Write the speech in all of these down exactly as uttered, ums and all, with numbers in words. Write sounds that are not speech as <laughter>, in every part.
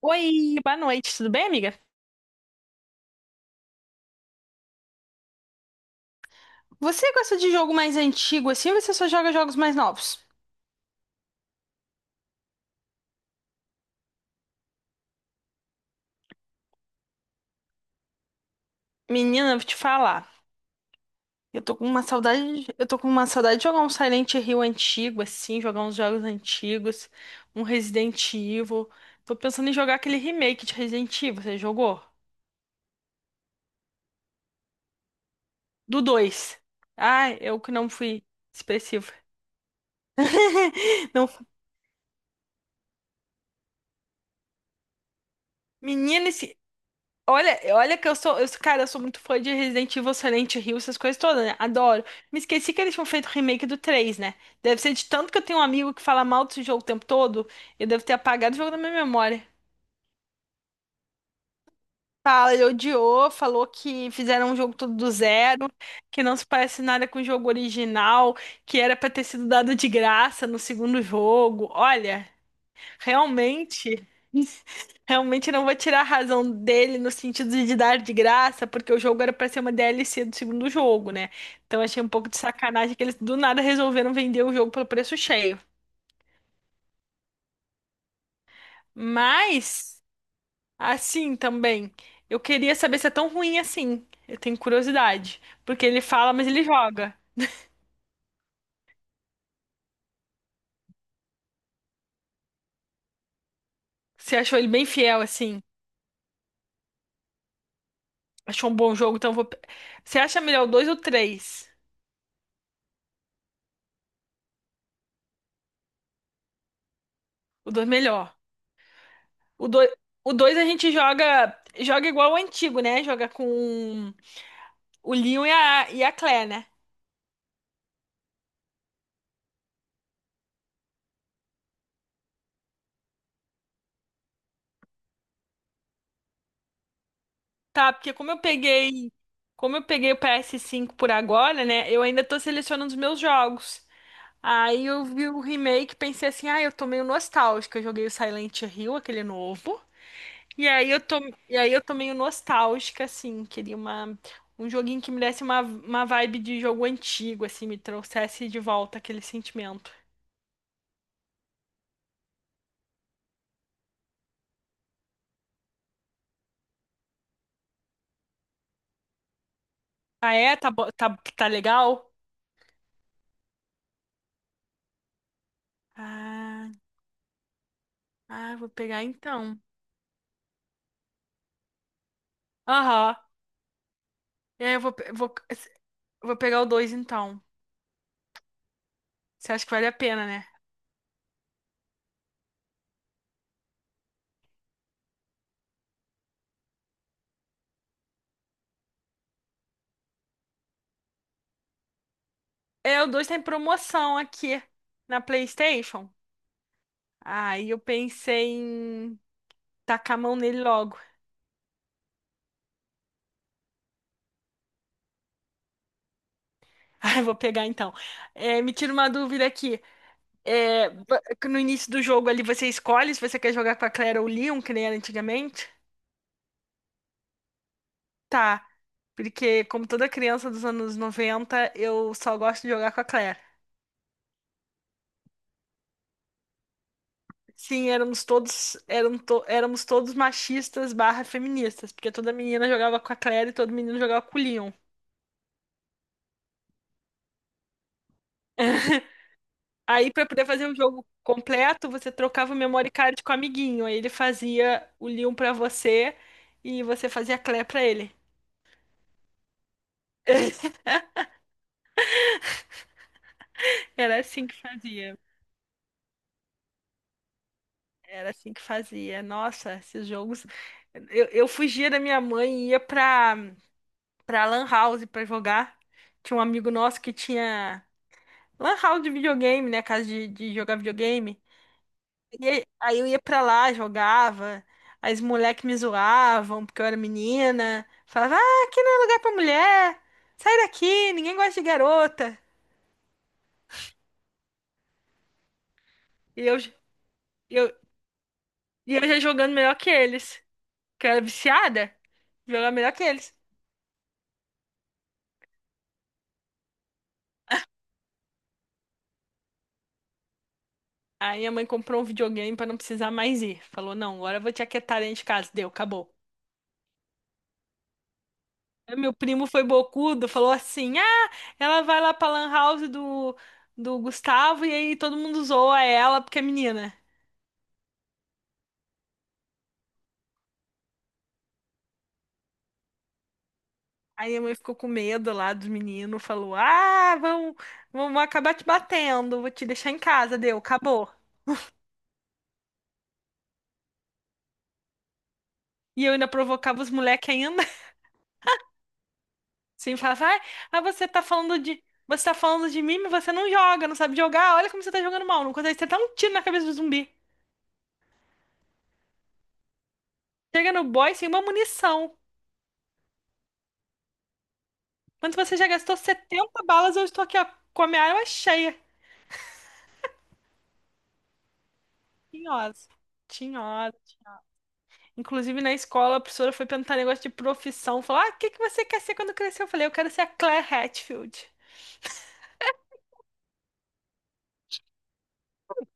Oi, boa noite, tudo bem, amiga? Você gosta de jogo mais antigo assim ou você só joga jogos mais novos? Menina, eu vou te falar. Eu tô com uma saudade, de- eu tô com uma saudade de jogar um Silent Hill antigo assim, jogar uns jogos antigos, um Resident Evil. Tô pensando em jogar aquele remake de Resident Evil, você jogou? Do dois? Ai, eu que não fui expressiva. <laughs> Não, menina, esse. Olha, olha que eu sou, eu, sou- cara, eu sou muito fã de Resident Evil, Silent Hill, essas coisas todas, né? Adoro. Me esqueci que eles tinham feito o remake do três, né? Deve ser de tanto que eu tenho um amigo que fala mal desse jogo o tempo todo, eu devo ter apagado o jogo da minha memória. Fala, ele odiou, falou que fizeram um jogo todo do zero, que não se parece nada com o jogo original, que era pra ter sido dado de graça no segundo jogo. Olha, realmente. Realmente não vou tirar a razão dele no sentido de dar de graça, porque o jogo era pra ser uma D L C do segundo jogo, né? Então achei um pouco de sacanagem que eles do nada resolveram vender o jogo pelo preço cheio. Mas, assim também, eu queria saber se é tão ruim assim. Eu tenho curiosidade. Porque ele fala, mas ele joga. Você achou ele bem fiel, assim? Achou um bom jogo, então eu vou. Você acha melhor o dois ou o três? O dois melhor. O dois, o dois a gente joga. Joga igual o antigo, né? Joga com o Leon e a, e a Claire, né? Tá, porque como eu peguei, como eu peguei o PS cinco por agora, né? Eu ainda tô selecionando os meus jogos. Aí eu vi o remake, e pensei assim, ah, eu tô meio nostálgica. Eu joguei o Silent Hill, aquele novo. E aí eu tô, e aí eu tô meio nostálgica, assim, queria uma, um joguinho que me desse uma, uma vibe de jogo antigo, assim, me trouxesse de volta aquele sentimento. Ah, é? Tá, bo- tá, tá legal? Ah, ah, vou pegar então. Aham. É, eu vou, pe- vou, vou pegar o dois então. Você acha que vale a pena, né? É, o dois tá em promoção aqui na PlayStation. Aí eu pensei em tacar a mão nele logo. <laughs> Ah, eu vou pegar então. É, me tira uma dúvida aqui. É, ba- no início do jogo ali você escolhe se você quer jogar com a Claire ou o Leon, que nem era antigamente? Tá. Porque, como toda criança dos anos noventa, eu só gosto de jogar com a Claire. Sim, éramos todos, eram to- éramos todos machistas barra feministas, porque toda menina jogava com a Claire e todo menino jogava com o Leon. <laughs> Aí, pra poder fazer o jogo completo, você trocava o memory card com o amiguinho. Aí ele fazia o Leon pra você e você fazia a Claire pra ele. <laughs> Era assim que fazia. Era assim que fazia. Nossa, esses jogos. Eu, eu fugia da minha mãe e ia pra, pra Lan House pra jogar. Tinha um amigo nosso que tinha. Lan house de videogame, né? Casa de, de jogar videogame. E aí aí eu ia pra lá, jogava. Aí os moleques me zoavam porque eu era menina. Falava, ah, aqui não é lugar pra mulher. Sai daqui, ninguém gosta de garota. E eu, eu, e eu já jogando melhor que eles. Que eu era viciada, jogava melhor que eles. Aí minha mãe comprou um videogame pra não precisar mais ir. Falou, não, agora eu vou te aquietar dentro de casa. Deu, acabou. Meu primo foi bocudo, falou assim: Ah, ela vai lá pra Lan House do, do Gustavo, e aí todo mundo zoa ela porque é menina. Aí a mãe ficou com medo lá do menino, falou: Ah, vamos vamos acabar te batendo, vou te deixar em casa, deu, acabou. E eu ainda provocava os moleques ainda. <laughs> Assim, falava: Ai, ah, você tá falando de. Você tá falando de mim, mas você não joga, não sabe jogar. Olha como você tá jogando mal, não consegue. Você um tiro na cabeça do zumbi. Chega no boy sem uma munição. Mas você já gastou setenta balas, eu estou aqui, ó, com a minha arma cheia. Tinhosa. Tinhosa. Inclusive, na escola, a professora foi perguntar negócio de profissão. Falou, ah, o que que você quer ser quando crescer? Eu falei, eu quero ser a Claire Hatfield.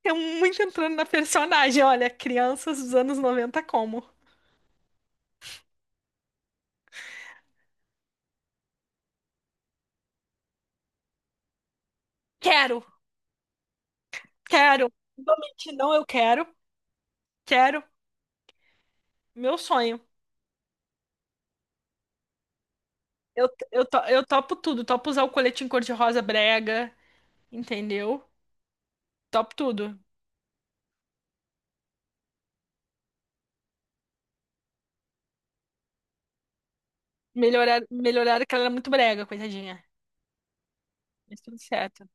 Eu muito entrando na personagem. Olha, crianças dos anos noventa, como? Quero, quero. Não vou mentir, não, eu quero. Quero. Meu sonho. Eu, eu, to- eu topo tudo. Topo usar o colete em cor-de-rosa brega, entendeu? Topo tudo. Melhorar, melhorar que ela era muito brega, coitadinha. Mas tudo certo.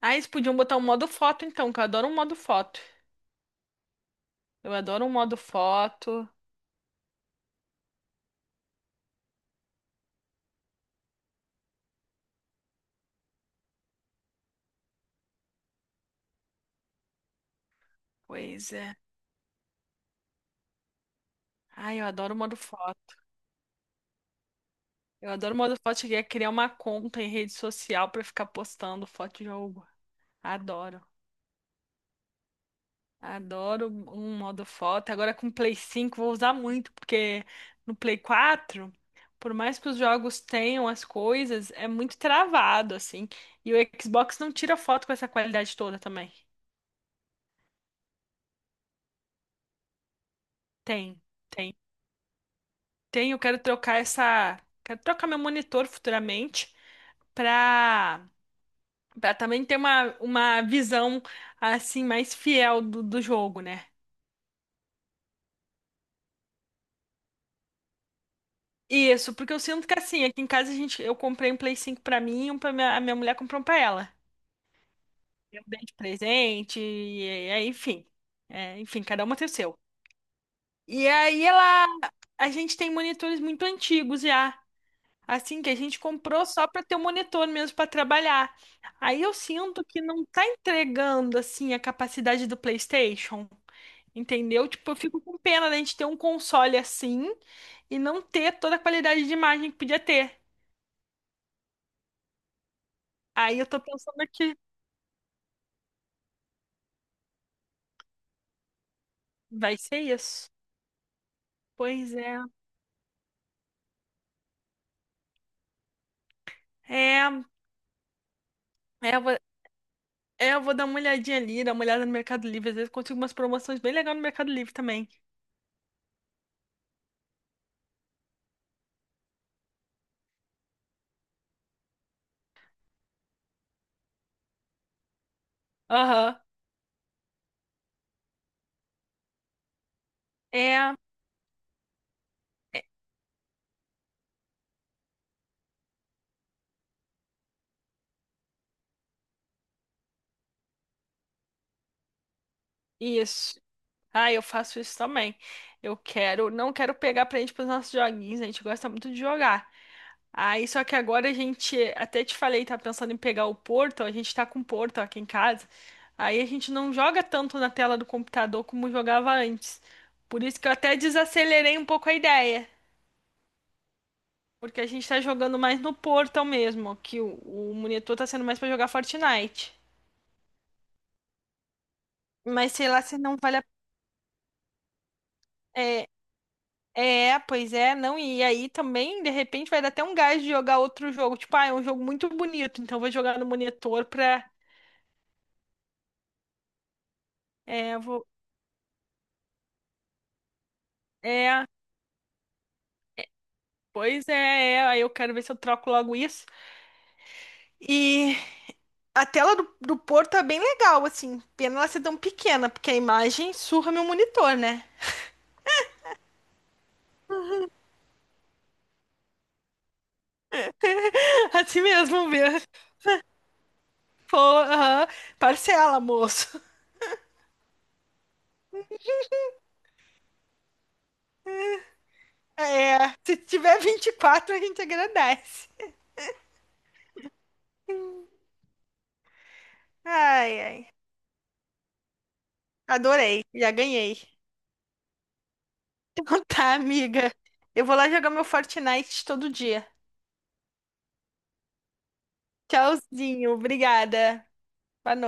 Ah, eles podiam botar um modo foto, então, que eu adoro um modo foto. Eu adoro um modo foto. Pois é. Ai, eu adoro o modo foto. Eu adoro o modo foto. Cheguei a criar uma conta em rede social pra ficar postando foto de jogo. Adoro. Adoro um modo foto. Agora com o Play cinco, vou usar muito, porque no Play quatro, por mais que os jogos tenham as coisas, é muito travado, assim. E o Xbox não tira foto com essa qualidade toda também. Tem. Tem. Tenho, quero trocar essa, quero trocar meu monitor futuramente para para também ter uma, uma visão assim mais fiel do, do jogo, né? Isso, porque eu sinto que assim, aqui em casa a gente, eu comprei um Play cinco para mim, e um para minha, a minha mulher comprou um para ela. Eu dei de presente, e, e- enfim. É, enfim, cada uma tem o seu. E aí ela, a gente tem monitores muito antigos já. Assim, que a gente comprou só para ter o monitor mesmo para trabalhar. Aí eu sinto que não tá entregando assim a capacidade do PlayStation, entendeu? Tipo, eu fico com pena da gente ter um console assim e não ter toda a qualidade de imagem que podia ter. Aí eu tô pensando que vai ser isso. Pois é. É, é, eu vou, é, eu vou dar uma olhadinha ali, dar uma olhada no Mercado Livre. Às vezes eu consigo umas promoções bem legais no Mercado Livre também. Aham. É, é isso. Ah, eu faço isso também. Eu quero, não quero pegar prende para os nossos joguinhos, a gente gosta muito de jogar. Aí, só que agora a gente, até te falei, tá pensando em pegar o Portal, a gente tá com o Portal aqui em casa. Aí a gente não joga tanto na tela do computador como jogava antes. Por isso que eu até desacelerei um pouco a ideia, porque a gente tá jogando mais no Portal mesmo, que o, o monitor tá sendo mais para jogar Fortnite. Mas sei lá se não vale a, é, É, pois é, não, e aí também, de repente, vai dar até um gás de jogar outro jogo. Tipo, ah, é um jogo muito bonito, então eu vou jogar no monitor pra. É, vou. É, pois é, é, aí eu quero ver se eu troco logo isso. E a tela do, do Porto é bem legal, assim. Pena ela ser tão pequena, porque a imagem surra meu monitor, né? <laughs> Assim mesmo, ver. Pô, aham, parcela, moço. É, se tiver vinte e quatro a gente agradece. Ai, ai. Adorei, já ganhei. Então tá, amiga. Eu vou lá jogar meu Fortnite todo dia. Tchauzinho, obrigada. Boa noite.